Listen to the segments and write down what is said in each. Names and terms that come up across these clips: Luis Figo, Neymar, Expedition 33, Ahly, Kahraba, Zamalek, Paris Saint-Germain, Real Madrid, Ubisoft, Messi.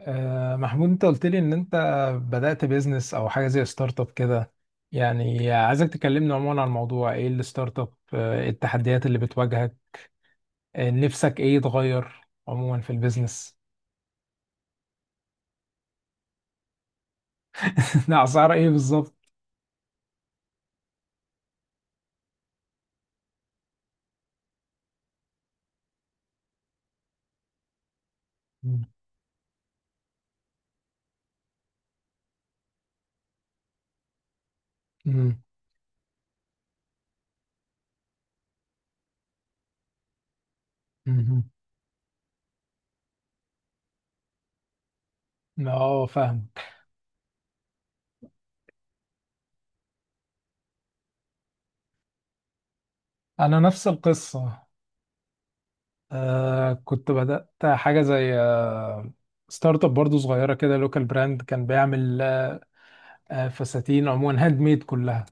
محمود، انت قلت لي ان انت بدأت بيزنس او حاجه زي ستارت اب كده. يعني عايزك تكلمني عموما عن الموضوع، ايه الستارت اب، إيه التحديات اللي بتواجهك، نفسك ايه يتغير عموما في البيزنس؟ اسعار ايه بالظبط؟ مم. مم. مم. اه، فاهم. انا نفس القصه. كنت بدأت حاجه زي ستارت اب برضو، صغيره كده، لوكال براند كان بيعمل فساتين، عموما هاند ميد كلها،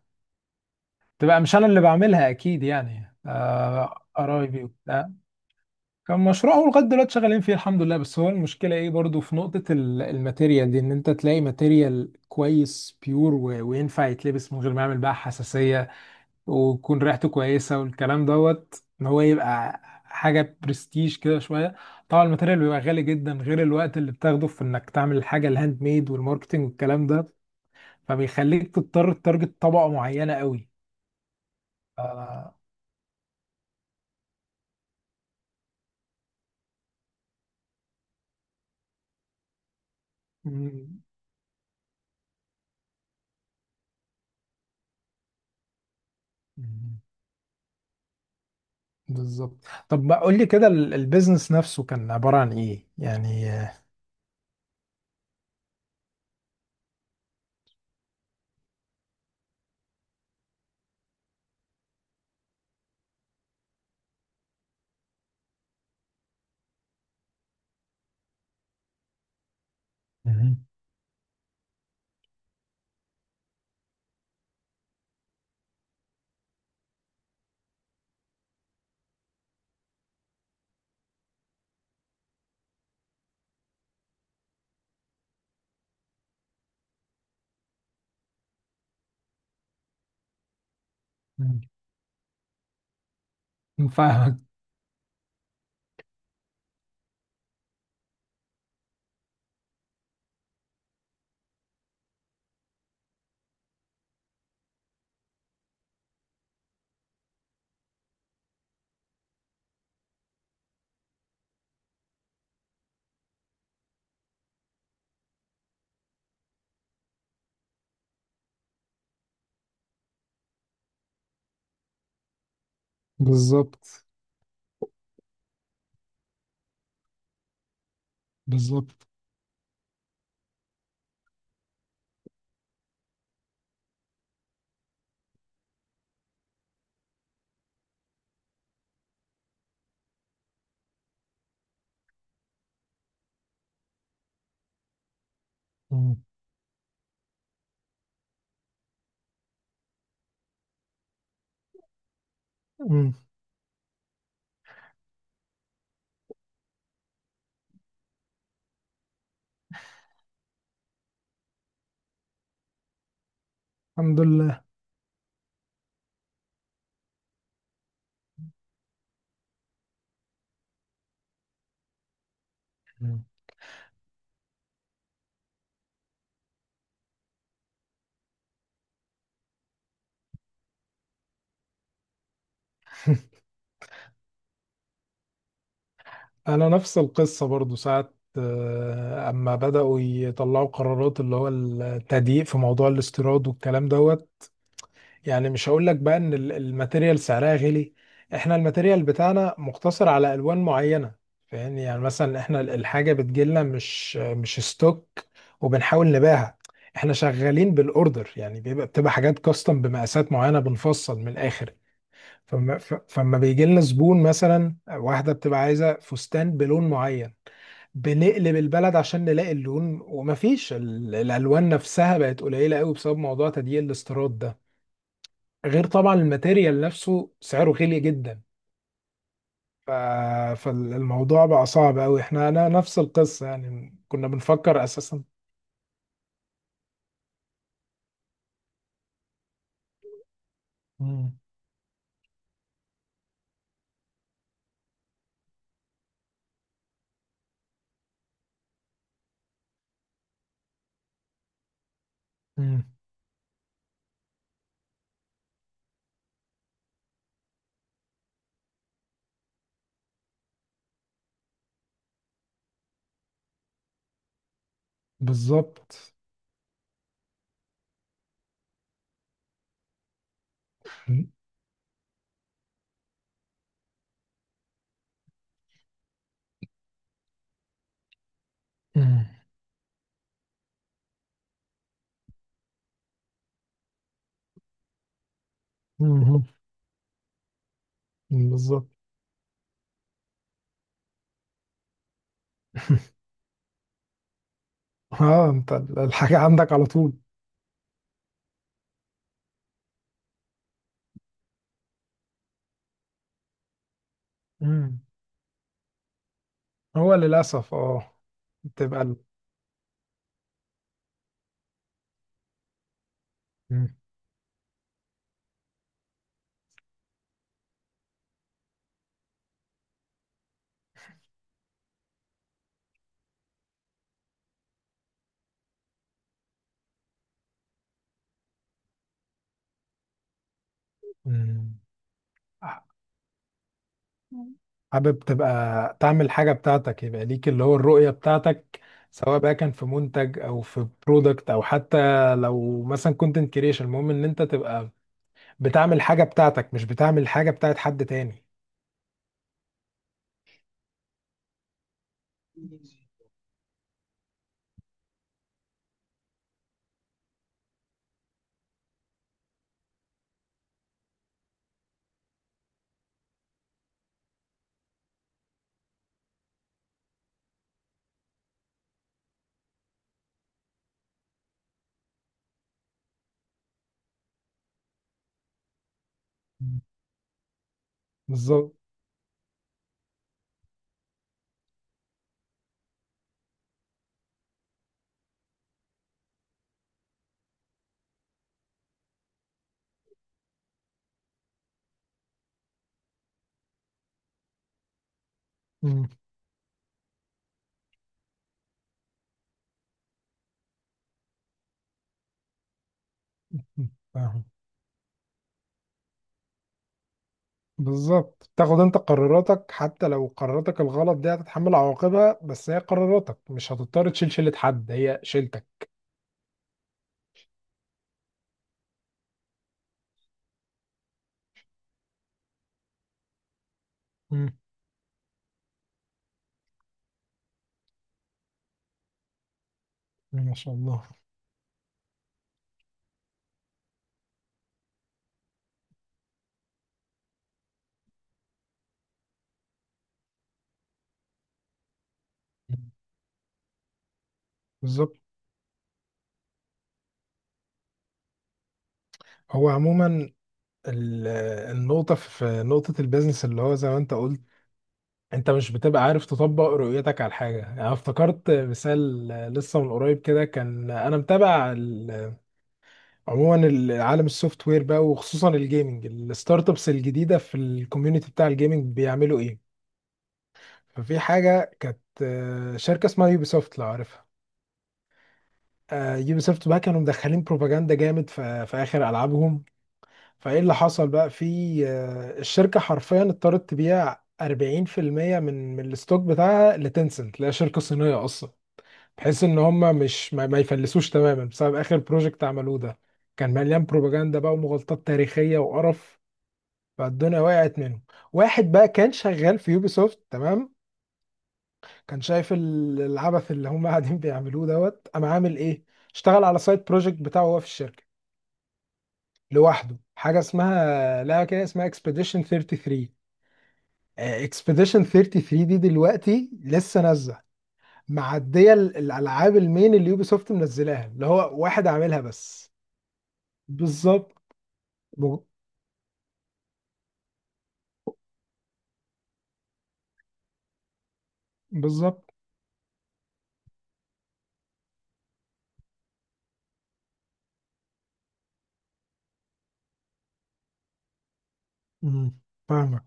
تبقى مش انا اللي بعملها اكيد يعني، قرايبي وبتاع. كان مشروع هو لغايه دلوقتي شغالين فيه الحمد لله، بس هو المشكله ايه برضو في نقطه الماتيريال دي، ان انت تلاقي ماتيريال كويس بيور وينفع يتلبس من غير ما يعمل بقى حساسيه، ويكون ريحته كويسه والكلام دوت، ان هو يبقى حاجه برستيج كده شويه. طبعا الماتيريال بيبقى غالي جدا، غير الوقت اللي بتاخده في انك تعمل الحاجه الهاند ميد والماركتنج والكلام ده، فبيخليك تضطر تتارجت طبقه معينه قوي. آه، مم. بالظبط. طب ما قول لي كده البيزنس نفسه كان عبارة عن ايه يعني؟ مهم. مم. فاهمك. بالظبط. بالظبط. مم. مم. الحمد لله. مم. انا نفس القصة برضو، ساعة اما بدأوا يطلعوا قرارات، اللي هو التضييق في موضوع الاستيراد والكلام دوت. يعني مش هقول لك بقى ان الماتيريال سعرها غالي، احنا الماتيريال بتاعنا مقتصر على الوان معينه. فاهمني يعني، مثلا احنا الحاجه بتجيلنا مش ستوك وبنحاول نبيعها، احنا شغالين بالاوردر. يعني بتبقى حاجات كاستم بمقاسات معينه بنفصل من الاخر. فما بيجي لنا زبون، مثلا واحده بتبقى عايزه فستان بلون معين، بنقلب البلد عشان نلاقي اللون، ومفيش الالوان نفسها بقت قليله قوي بسبب موضوع تديين الاستيراد ده، غير طبعا الماتيريال نفسه سعره غالي جدا. ف... فالموضوع بقى صعب قوي، انا نفس القصة يعني، كنا بنفكر اساسا. مم. مم. بالظبط. مم. مم. بالظبط. اه، انت الحاجة عندك على طول. مم. هو للأسف اه. بتبقى مم. مم. مم. حابب تبقى تعمل حاجة بتاعتك، يبقى ليك اللي هو الرؤية بتاعتك، سواء بقى كان في منتج او في برودكت، او حتى لو مثلا كونتنت كريشن. المهم ان انت تبقى بتعمل حاجة بتاعتك، مش بتعمل حاجة بتاعت حد تاني. مم. بالظبط. مم. فاهم. بالظبط، تاخد انت قراراتك، حتى لو قراراتك الغلط دي هتتحمل عواقبها، بس هي قراراتك، مش هتضطر تشيل شيلة حد، هي شيلتك. مم. ما شاء الله. مم. بالظبط. هو عموما ال- النقطة في نقطة البيزنس اللي هو زي ما انت قلت، انت مش بتبقى عارف تطبق رؤيتك على حاجة. يعني أنا افتكرت مثال لسه من قريب كده، كان انا متابع عموما عالم السوفت وير بقى، وخصوصا الجيمنج، الستارت ابس الجديدة في الكوميونتي بتاع الجيمنج بيعملوا ايه. ففي حاجة كانت شركة اسمها يوبي سوفت، لو عارفها. يوبي سوفت بقى كانوا مدخلين بروباجندا جامد في اخر العابهم. فايه اللي حصل بقى في، الشركه حرفيا اضطرت تبيع 40% من الستوك بتاعها لتنسنت اللي هي شركه صينيه اصلا، بحيث ان هم مش ما, ما يفلسوش تماما بسبب اخر بروجكت عملوه ده، كان مليان بروباجندا بقى ومغالطات تاريخيه وقرف. فالدنيا وقعت منهم. واحد بقى كان شغال في يوبيسوفت تمام، كان شايف العبث اللي هم قاعدين بيعملوه دوت، قام عامل ايه، اشتغل على سايد بروجكت بتاعه هو في الشركه لوحده، حاجه اسمها، لا كده، اسمها اكسبيديشن 33. اكسبediشن 33 دي دلوقتي لسه نازله، معديه الالعاب المين اللي يوبي سوفت منزلاها، اللي هو واحد عاملها بس. بالظبط. ب- بالظبط. مم. فاهمك.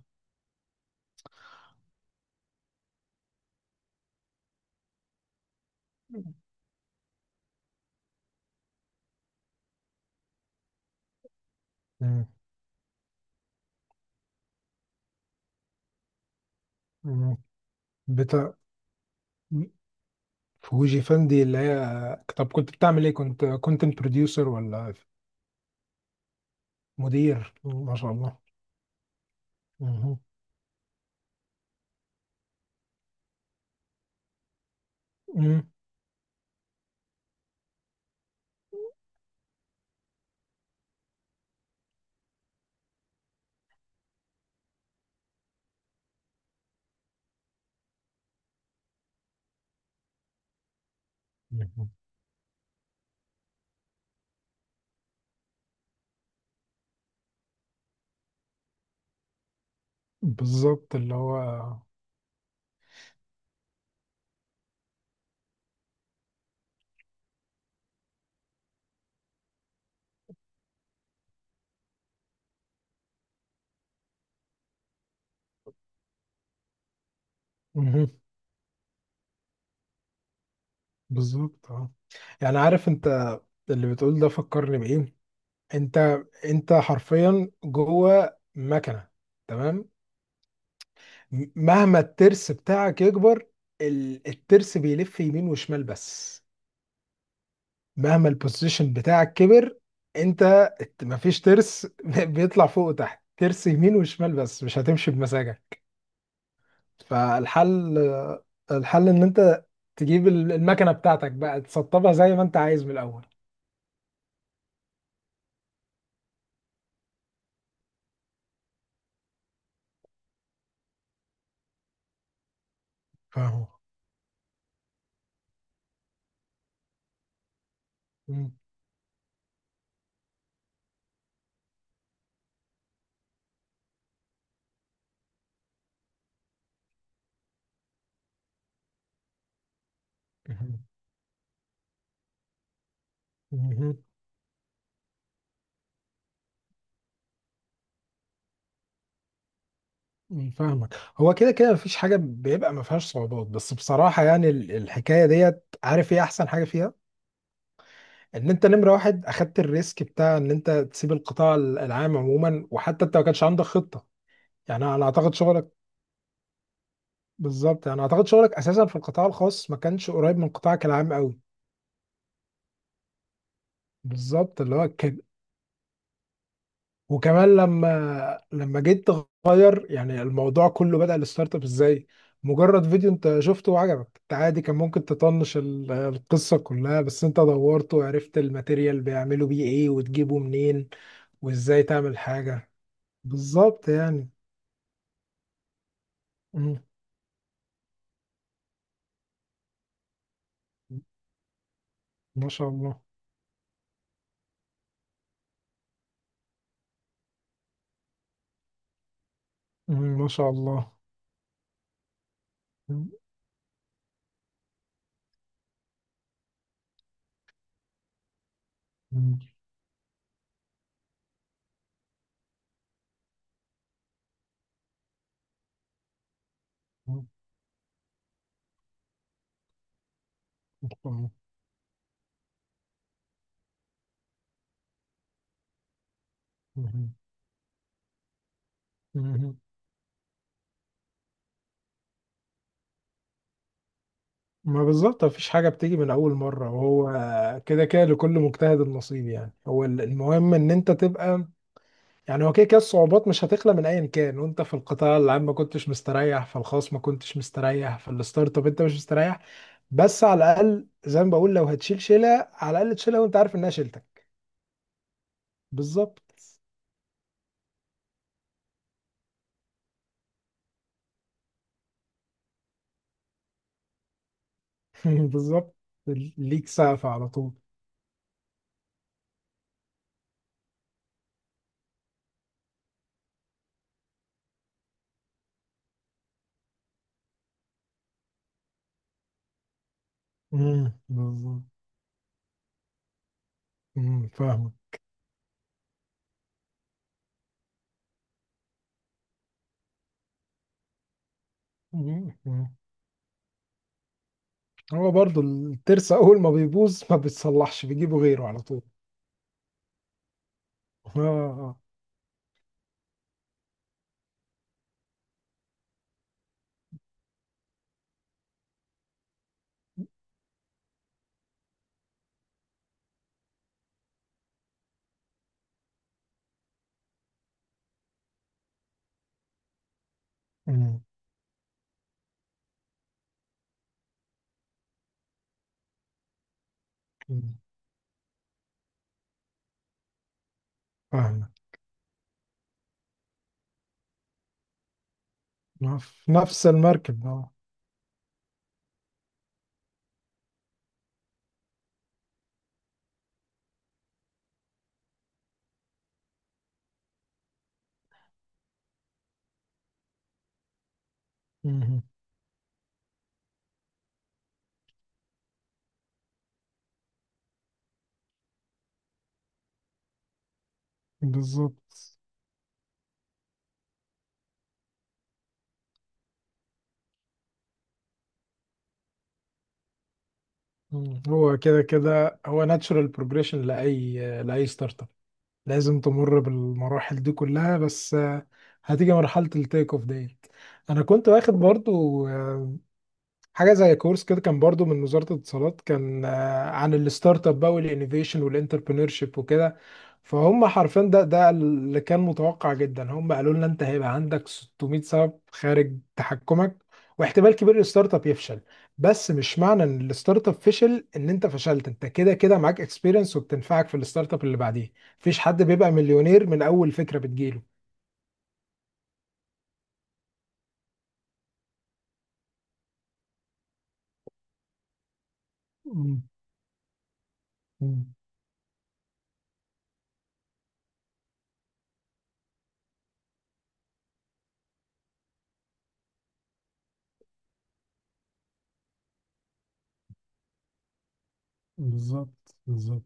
مم. مم. بتاع. فوجي فان دي اللي هي، طب كنت بتعمل ايه؟ كنت كونتنت بروديوسر ولا؟ مدير، ما شاء الله. مم. مم. مم. بالظبط، اللي هو. مم. بالظبط اه. يعني عارف انت، اللي بتقول ده فكرني بايه، انت حرفيا جوه مكنه. تمام. مهما الترس بتاعك يكبر، الترس بيلف يمين وشمال بس. مهما البوزيشن بتاعك كبر، انت مفيش ترس بيطلع فوق وتحت، ترس يمين وشمال بس، مش هتمشي بمزاجك. فالحل ان انت تجيب المكنه بتاعتك بقى، تسطبها زي ما انت عايز من الاول. فاهمه. مم. مهم. مهم. مم. فاهمك. هو كده كده مفيش حاجة بيبقى ما فيهاش صعوبات، بس بصراحة يعني الحكاية ديت، عارف ايه أحسن حاجة فيها؟ إن أنت نمرة واحد أخدت الريسك بتاع إن أنت تسيب القطاع العام عموما، وحتى أنت ما كانش عندك خطة. يعني أنا أعتقد شغلك، بالظبط، يعني أعتقد شغلك أساسا في القطاع الخاص ما كانش قريب من قطاعك العام قوي. بالظبط، اللي هو كان. وكمان لما جيت تغير يعني، الموضوع كله بدأ الستارت اب ازاي، مجرد فيديو انت شفته وعجبك انت، عادي كان ممكن تطنش القصة كلها، بس انت دورت وعرفت الماتيريال بيعملوا بيه ايه وتجيبه منين، وازاي تعمل حاجة. بالظبط يعني. مم. ما شاء الله. مم. ما شاء الله. مم. مم. مم. مم. ما بالظبط، مفيش حاجة بتيجي من أول مرة، وهو كده كده لكل مجتهد النصيب. يعني هو المهم إن أنت تبقى. يعني هو كده كده الصعوبات مش هتخلى من أيا كان، وأنت في القطاع العام ما كنتش مستريح، في الخاص ما كنتش مستريح، في الستارت اب أنت مش مستريح، بس على الأقل زي ما بقول، لو هتشيل شيلة على الأقل تشيلها وأنت عارف إنها شيلتك. بالظبط. بالظبط. ليك سقف على طول. بالظبط. فاهمك. هو برضو الترس اول ما بيبوظ ما بيتصلحش بيجيبوا غيره على طول. اه. آه. مم. مم. فاهمك. ما في نفس المركب اه. مهم. بالظبط. مم. هو كده كده هو ناتشورال بروجريشن لاي ستارت اب، لازم تمر بالمراحل دي كلها، بس هتيجي مرحله التيك اوف ديت. انا كنت واخد برضو حاجه زي كورس كده، كان برضو من وزاره الاتصالات، كان عن الستارت اب بقى والانوفيشن والانتربرينور شيب وكده. فهم حرفيا ده اللي كان متوقع جدا، هم قالوا لنا انت هيبقى عندك 600 سبب خارج تحكمك، واحتمال كبير الستارت اب يفشل. بس مش معنى ان الستارت اب فشل ان انت فشلت، انت كده كده معاك اكسبيرينس وبتنفعك في الستارت اب اللي بعديه، مفيش حد بيبقى مليونير من اول فكره بتجيله. مم. مم. بالظبط. بالظبط.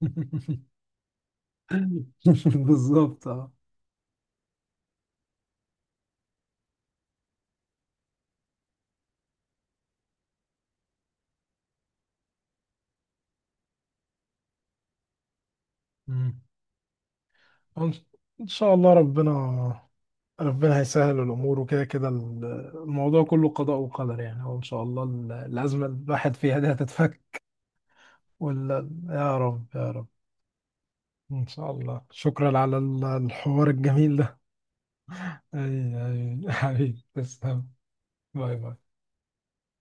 بالظبط اه. إن إن شاء الله ربنا هيسهل الأمور، وكده كده الموضوع كله قضاء وقدر، يعني هو إن شاء الله الأزمة اللي الواحد فيها دي هتتفك. ولا يا رب، يا رب. إن شاء الله. شكرا على الحوار الجميل ده. أي. أي حبيبي تسلم. باي باي.